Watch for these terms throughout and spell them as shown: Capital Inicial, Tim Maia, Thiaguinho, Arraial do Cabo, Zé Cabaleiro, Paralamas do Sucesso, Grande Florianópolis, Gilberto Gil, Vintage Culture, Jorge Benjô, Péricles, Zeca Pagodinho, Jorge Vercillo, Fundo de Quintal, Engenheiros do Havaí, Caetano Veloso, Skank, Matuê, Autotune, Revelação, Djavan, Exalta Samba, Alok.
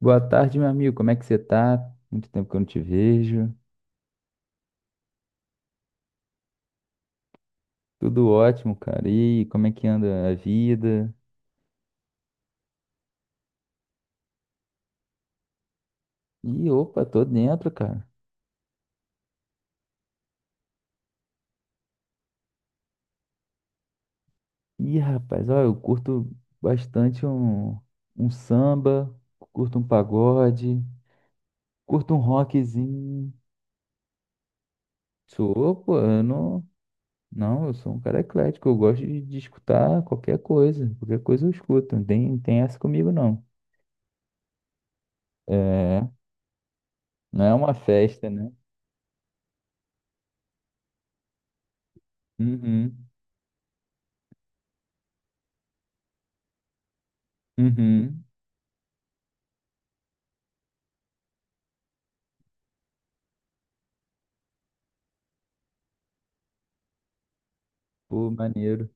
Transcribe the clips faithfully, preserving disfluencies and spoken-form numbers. Boa tarde, meu amigo. Como é que você tá? Muito tempo que eu não te vejo. Tudo ótimo, cara. E aí, como é que anda a vida? Ih, opa, tô dentro, cara. Ih, rapaz, ó, eu curto bastante um, um samba, curto um pagode, curto um rockzinho. Sou, pô, eu não. Não, eu sou um cara eclético. Eu gosto de, de escutar qualquer coisa. Qualquer coisa eu escuto. Não tem, tem essa comigo, não. É, não é uma festa, né? Uhum, uhum. Pô, maneiro.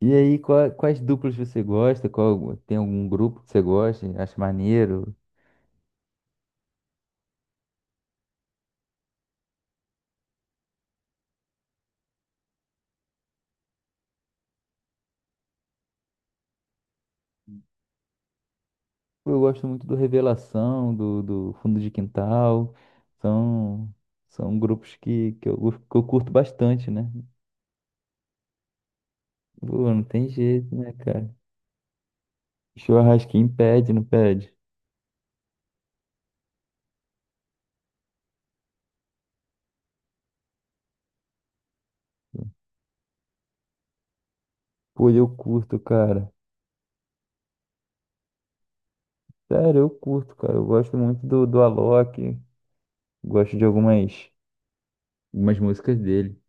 E aí, qua- quais duplas você gosta? Qual, tem algum grupo que você gosta? Acha maneiro? Eu gosto muito do Revelação, do, do Fundo de Quintal. São, são grupos que, que, eu, que eu curto bastante, né? Pô, não tem jeito, né, cara? Churrasquinho pede, não pede? Pô, eu curto, cara. Sério, eu curto, cara. Eu gosto muito do, do Alok. Gosto de algumas, algumas músicas dele.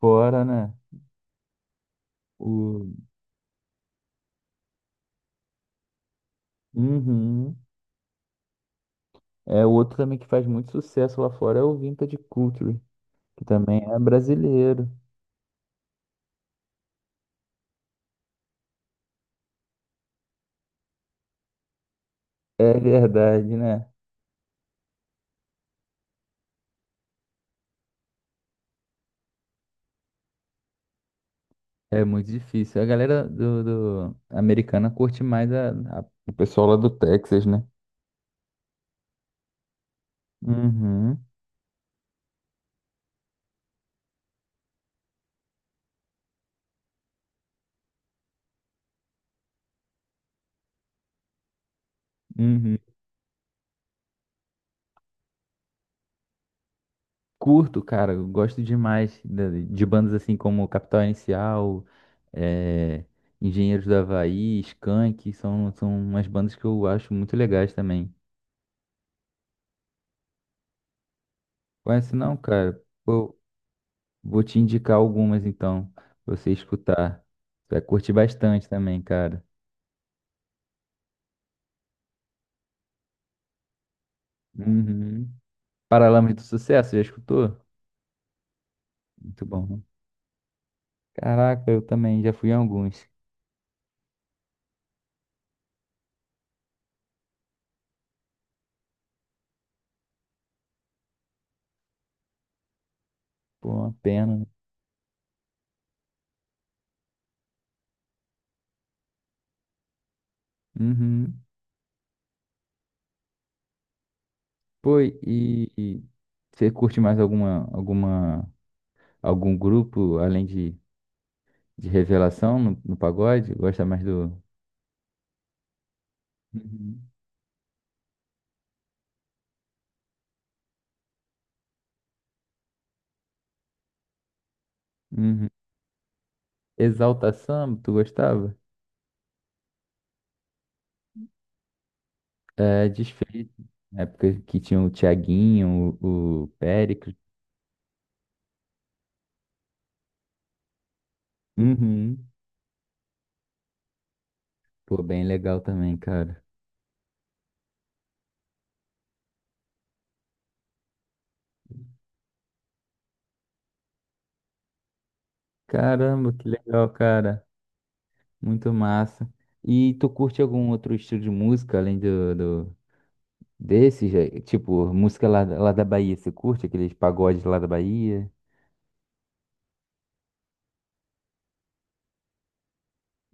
Fora, né? O... Uhum. É, o outro também que faz muito sucesso lá fora é o Vintage Culture, que também é brasileiro. É verdade, né? É muito difícil. A galera do, do- americana curte mais a, a- o pessoal lá do Texas, né? Uhum, uhum. Curto, cara, eu gosto demais de, de bandas assim como Capital Inicial, é, Engenheiros do Havaí, Skank, são, são umas bandas que eu acho muito legais também. Conhece não, cara? Pô, vou te indicar algumas então, pra você escutar. Você vai curtir bastante também, cara. Uhum. Paralamas do Sucesso, já escutou? Muito bom, né? Caraca, eu também já fui em alguns. Pô, uma pena, né? Uhum. Pô, e e você curte mais alguma, alguma, algum grupo além de, de Revelação no, no pagode? Gosta mais do. Uhum. Uhum. Exalta Samba, tu gostava? É, desfeito. Na época que tinha o Thiaguinho, o, o Péricles. Uhum. Pô, bem legal também, cara. Caramba, que legal, cara. Muito massa. E tu curte algum outro estilo de música além do, do desses? É? Tipo, música lá, lá da Bahia, você curte aqueles pagodes lá da Bahia?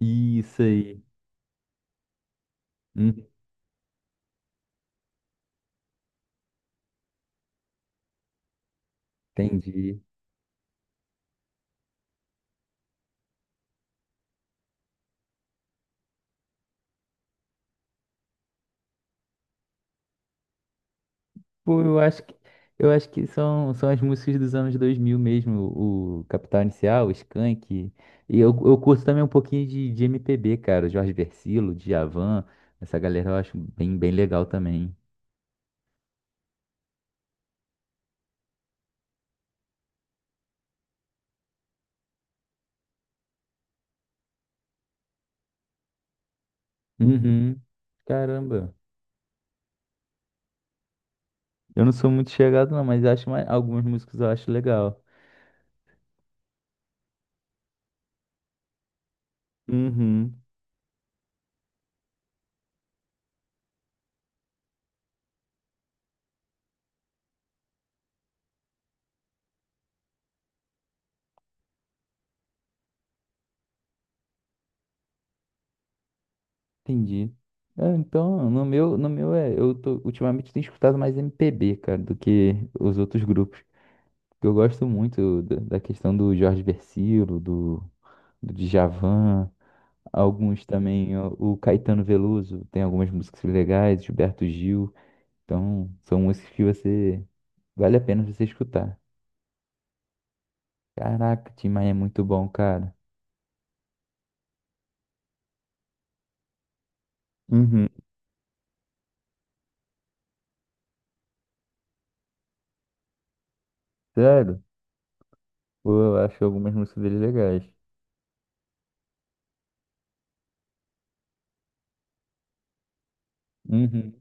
Isso aí. Hum, Entendi. Pô, eu acho que, eu acho que são, são as músicas dos anos dois mil mesmo, o Capital Inicial, o Skank. E eu, eu curto também um pouquinho de, de M P B, cara, Jorge Vercillo, Djavan, essa galera eu acho bem, bem legal também. Uhum. Caramba. Eu não sou muito chegado não, mas acho mais, algumas músicas eu acho legal. Uhum. Entendi. É, então, no meu, no meu é, eu tô, ultimamente tenho escutado mais M P B, cara, do que os outros grupos. Eu gosto muito da da questão do Jorge Vercillo, do, do Djavan, alguns também, ó, o Caetano Veloso, tem algumas músicas legais, Gilberto Gil, então são músicas que você, vale a pena você escutar. Caraca, Tim Maia é muito bom, cara. Uhum. Sério? Pô, eu acho algumas músicas dele legais. Uhum.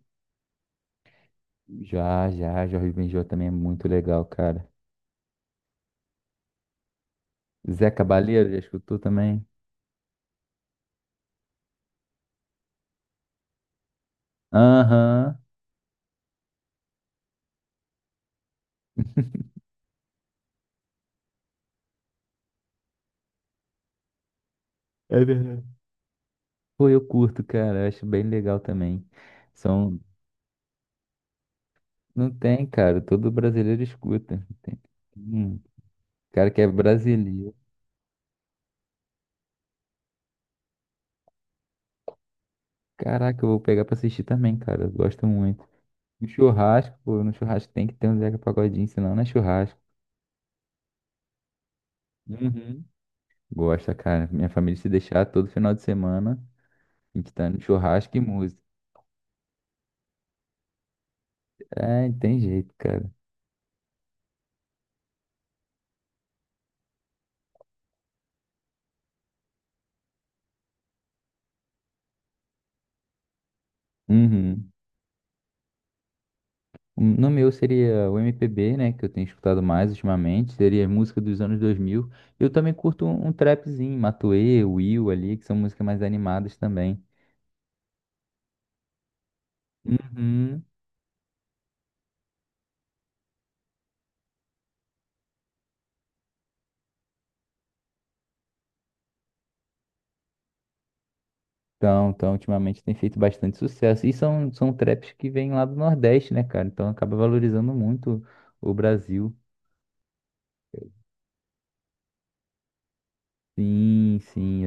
Já, já, Jorge Benjô também é muito legal, cara. Zé Cabaleiro, já escutou também? Aham. É verdade. Pô, eu curto, cara. eu Acho bem legal também. São... Não tem, cara. Todo brasileiro escuta. Tem... Hum, Cara que é brasileiro. Caraca, eu vou pegar pra assistir também, cara. Eu gosto muito. No churrasco, pô, no churrasco tem que ter um Zeca Pagodinho, senão não é churrasco. Uhum. Gosta, cara. Minha família se deixar todo final de semana, a gente tá no churrasco e música. É, tem jeito, cara. Uhum. No meu seria o M P B, né, que eu tenho escutado mais ultimamente, seria música dos anos dois mil. Eu também curto um, um trapzinho, Matuê, Will ali, que são músicas mais animadas também. Uhum. Então, então, ultimamente tem feito bastante sucesso. E são, são traps que vêm lá do Nordeste, né, cara? Então acaba valorizando muito o Brasil. Sim, sim.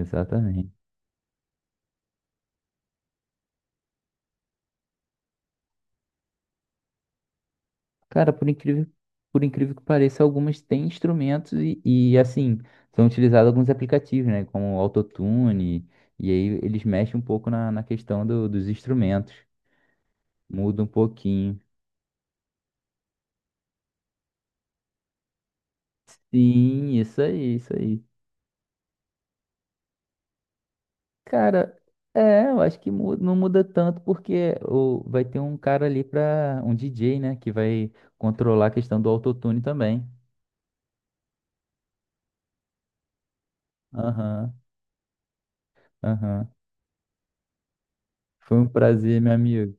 Cara, por incrível, por incrível que pareça, algumas têm instrumentos e, e, assim, são utilizados alguns aplicativos, né? Como o Autotune, e aí eles mexem um pouco na, na questão do- dos instrumentos, muda um pouquinho. Sim, isso aí, isso aí. Cara, é, eu acho que mu- não muda tanto porque o, vai ter um cara ali pra. Um D J, né, que vai controlar a questão do autotune também. Aham, aham. Foi um prazer, meu amigo.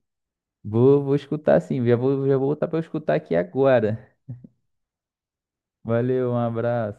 Vou, vou escutar sim, já vou, já vou voltar para escutar aqui agora. Valeu, um abraço.